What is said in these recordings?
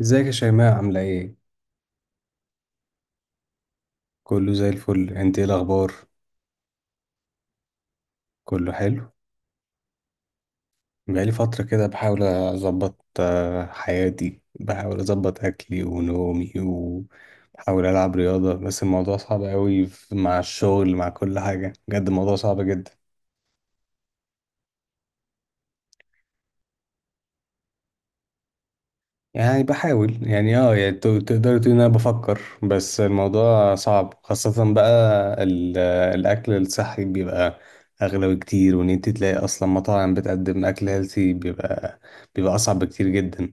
ازيك يا شيماء، عاملة ايه؟ كله زي الفل، انت ايه الأخبار؟ كله حلو؟ بقالي فترة كده بحاول أظبط حياتي، بحاول أظبط أكلي ونومي وبحاول ألعب رياضة، بس الموضوع صعب أوي مع الشغل، مع كل حاجة. بجد الموضوع صعب جدا. يعني بحاول يعني يعني تقدر تقول ان انا بفكر، بس الموضوع صعب. خاصة بقى ال- الاكل الصحي بيبقى اغلى بكتير، وان انت تلاقي اصلا مطاعم بتقدم اكل هيلثي بيبقى اصعب بكتير جدا.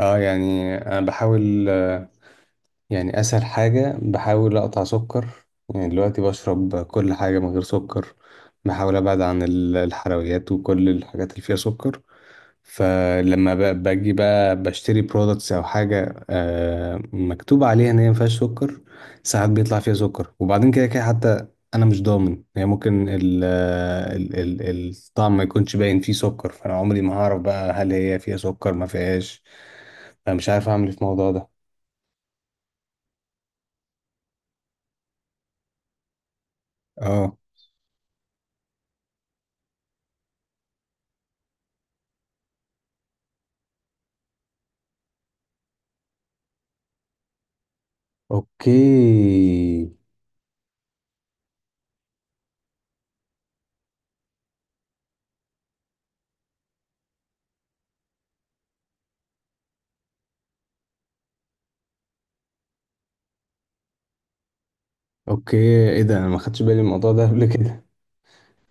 اه، يعني انا بحاول يعني اسهل حاجة بحاول اقطع سكر. يعني دلوقتي بشرب كل حاجة من غير سكر. بحاول ابعد عن الحلويات وكل الحاجات اللي فيها سكر. فلما باجي بقى بشتري برودكتس او حاجه مكتوب عليها ان هي ما فيهاش سكر، ساعات بيطلع فيها سكر. وبعدين كده كده حتى انا مش ضامن، يعني ممكن ال ال ال الطعم ما يكونش باين فيه سكر، فانا عمري ما هعرف بقى هل هي فيها سكر ما فيهاش. فمش عارف اعمل إيه في الموضوع ده. اه. اوكي. اوكي. ايه ده، انا ما خدتش بالي من الموضوع ده قبل كده.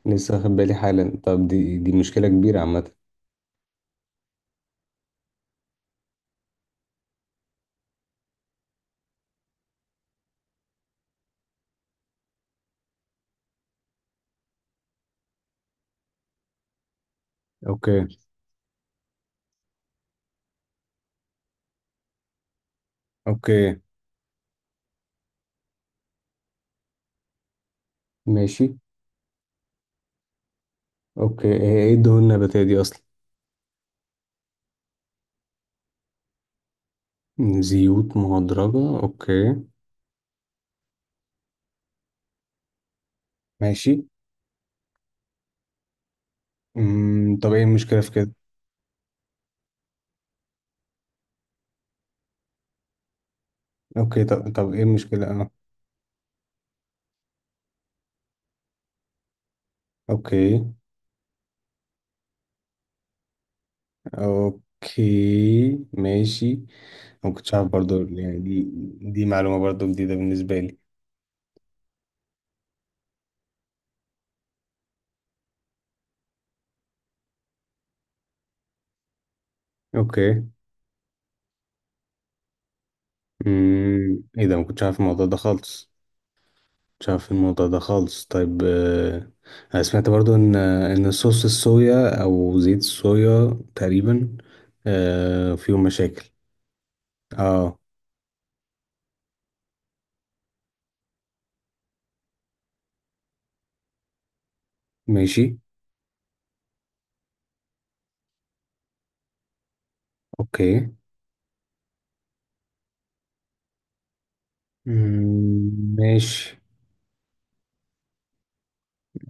لسه واخد بالي حالا. طب دي مشكله كبيره عامه. اوكي. اوكي. ماشي. اوكي، هي ايه الدهون النباتية دي اصلا؟ زيوت مهدرجة، اوكي. ماشي. امم، طب ايه المشكلة في كده؟ اوكي، طب ايه المشكلة؟ اه. اوكي. اوكي. ماشي. انا مكنتش عارف برضو، يعني دي معلومة برضو جديدة بالنسبة لي. اوكي. امم، ايه ده، ما كنتش عارف الموضوع ده خالص. مش عارف الموضوع ده خالص. طيب، انا سمعت برضو ان صوص الصويا او زيت الصويا تقريبا فيهم مشاكل. اه. ماشي. اوكي. مم، ماشي.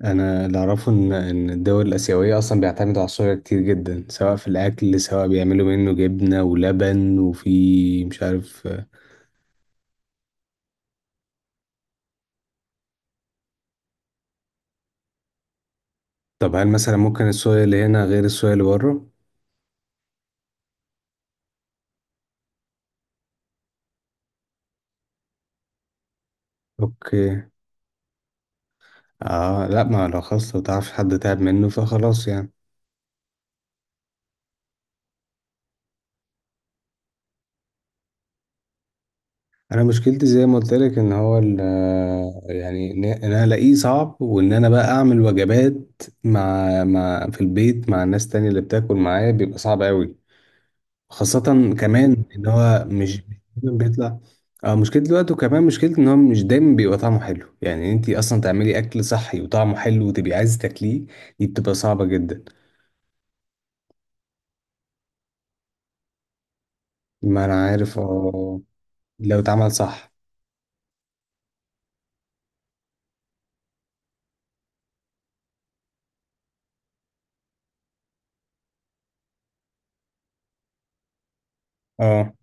انا اللي اعرفه ان الدول الاسيويه اصلا بيعتمدوا على الصويا كتير جدا، سواء في الاكل، سواء بيعملوا منه جبنه ولبن وفي مش عارف. طب هل مثلا ممكن الصويا اللي هنا غير الصويا اللي بره؟ اوكي. اه لا، ما لو خلاص، لو تعرف حد تعب منه فخلاص يعني. انا مشكلتي زي ما قلت لك ان هو يعني ان انا الاقيه صعب، وان انا بقى اعمل وجبات مع في البيت مع الناس تانية اللي بتاكل معايا بيبقى صعب قوي، خاصة كمان ان هو مش دايماً بيطلع، اه، مشكلة الوقت. وكمان مشكلة ان هو مش دايما بيبقى طعمه حلو، يعني انت اصلا تعملي اكل صحي وطعمه حلو وتبقي عايز تاكليه، دي بتبقى صعبة جدا. ما انا عارف، اه، لو اتعمل صح. اه،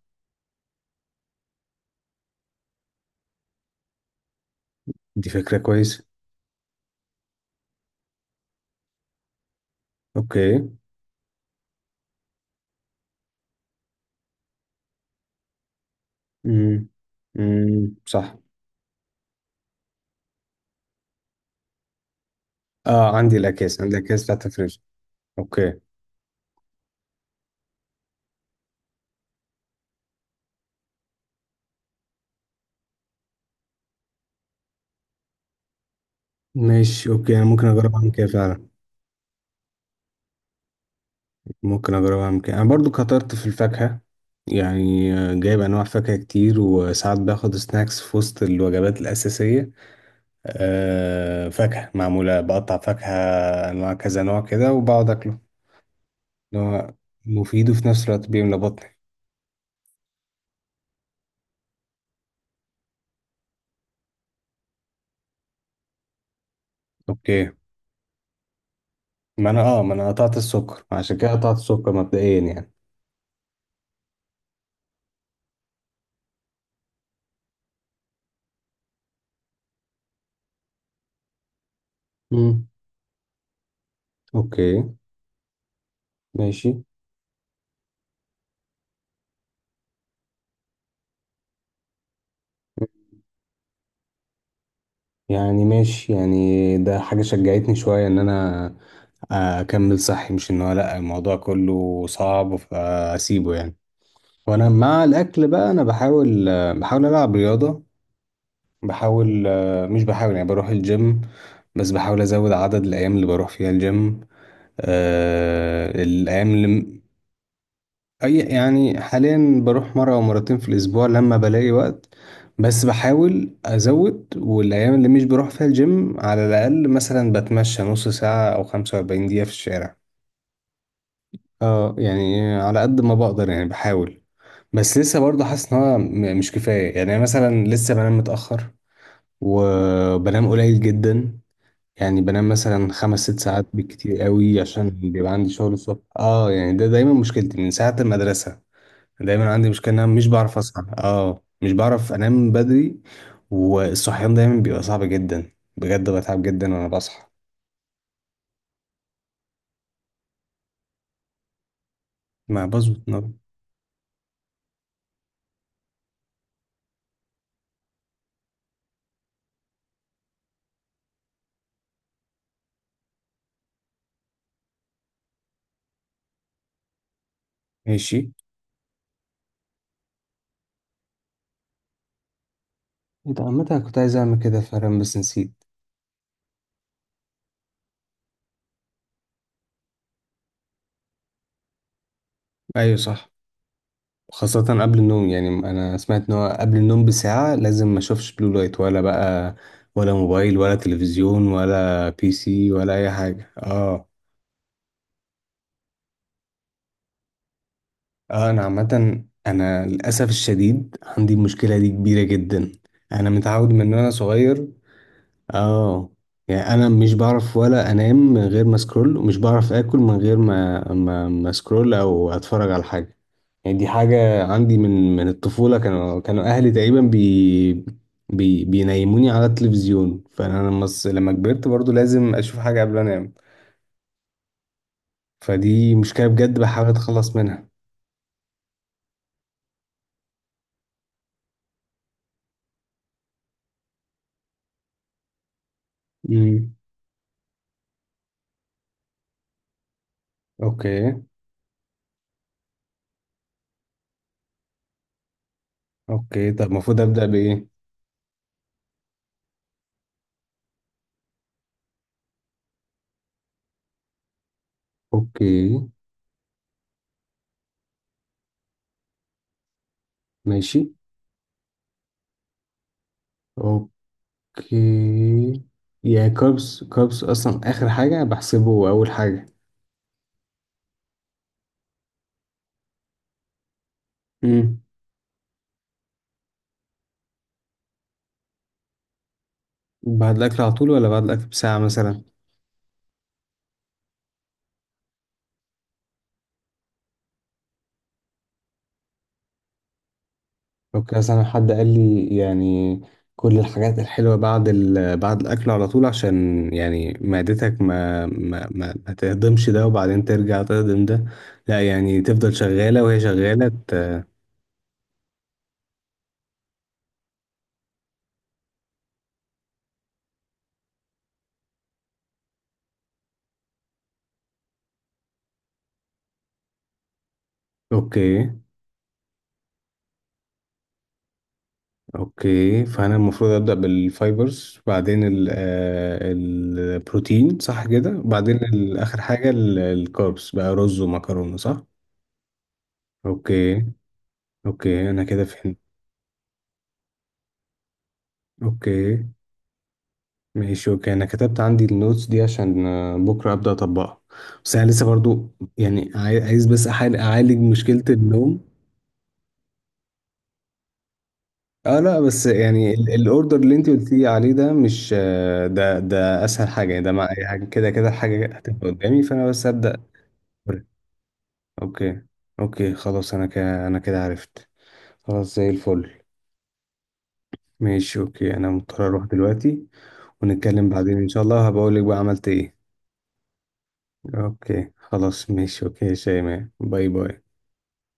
دي فكرة كويسة. اوكي. امم. امم، صح. اه، عندي الاكياس بتاعت الفريزر. اوكي. ماشي. اوكي، انا ممكن اجربها من كده فعلا. ممكن اجربها من كده، انا برضو كترت في الفاكهه، يعني جايب انواع فاكهه كتير، وساعات باخد سناكس في وسط الوجبات الاساسيه. فاكهه معموله بقطع فاكهه، انواع كذا نوع كده وبقعد اكله، اللي هو مفيد وفي نفس الوقت بيملى بطني. اوكي. ما انا قطعت السكر، عشان كده قطعت السكر مبدئيا يعني. امم. اوكي. ماشي يعني. ماشي، يعني ده حاجة شجعتني شوية ان انا اكمل صحي، مش ان هو لا الموضوع كله صعب فاسيبه يعني. وانا مع الاكل بقى انا بحاول العب رياضة. بحاول، مش بحاول يعني بروح الجيم، بس بحاول ازود عدد الايام اللي بروح فيها الجيم. الايام، اي يعني حاليا بروح مره او مرتين في الاسبوع لما بلاقي وقت، بس بحاول ازود. والايام اللي مش بروح فيها الجيم على الاقل مثلا بتمشى نص ساعه او 45 دقيقه في الشارع. اه، يعني على قد ما بقدر يعني بحاول، بس لسه برضه حاسس ان هو مش كفايه. يعني مثلا لسه بنام متاخر وبنام قليل جدا، يعني بنام مثلا خمس ست ساعات بالكتير قوي عشان بيبقى عندي شغل الصبح. اه، يعني ده دايما مشكلتي من ساعه المدرسه. دايما عندي مشكلة ان انا مش بعرف اصحى، اه، مش بعرف انام بدري، والصحيان دايما بيبقى صعب جدا، بجد بتعب جدا وانا بصحى. ما بظبط نوم. ماشي. انت عامة، أنا كنت عايز اعمل كده فعلا بس نسيت. ايوه صح. خاصة قبل النوم، يعني انا سمعت ان هو قبل النوم بساعة لازم ما اشوفش بلو لايت ولا بقى، ولا موبايل ولا تلفزيون ولا PC ولا اي حاجة. اه. اه، انا عامة انا للاسف الشديد عندي المشكلة دي كبيرة جدا. انا متعود من وانا صغير. اه، يعني انا مش بعرف ولا انام من غير ما سكرول، ومش بعرف اكل من غير ما سكرول او اتفرج على حاجة. يعني دي حاجة عندي من الطفولة، كانوا اهلي تقريبا بي بي بينيموني على التلفزيون، فانا لما لما كبرت برضو لازم اشوف حاجة قبل انام. فدي مشكلة بجد بحاول اتخلص منها. امم. اوكي. اوكي، طب المفروض ابدا بايه؟ اوكي. ماشي. اوكي، يا كاربس، كاربس اصلا اخر حاجه بحسبه اول حاجه. امم. بعد الاكل على طول ولا بعد الاكل بساعه مثلا؟ اوكي، اصلا حد قال لي يعني كل الحاجات الحلوه بعد بعد الاكل على طول، عشان يعني معدتك ما تهضمش ده وبعدين ترجع تهضم ده، لا يعني تفضل شغاله وهي شغاله. اوكي. اوكي، فانا المفروض ابدا بالفايبرز، بعدين البروتين صح كده، بعدين اخر حاجه الكاربس بقى، رز ومكرونه صح. اوكي. اوكي، انا كده فهمت. اوكي. ماشي. اوكي، انا كتبت عندي النوتس دي عشان بكره ابدا اطبقها. بس انا لسه برضو، يعني عايز بس أحاول اعالج مشكله النوم. اه لا، بس يعني الاوردر اللي انت قلتي عليه ده مش، ده اسهل حاجه. يعني ده مع يعني كده كده الحاجه هتبقى قدامي، فانا بس ابدا. اوكي. اوكي خلاص، انا كده عرفت. خلاص، زي الفل. ماشي. اوكي، انا مضطر اروح دلوقتي، ونتكلم بعدين ان شاء الله هبقول لك بقى عملت ايه. اوكي خلاص. ماشي. اوكي يا شيماء، باي باي.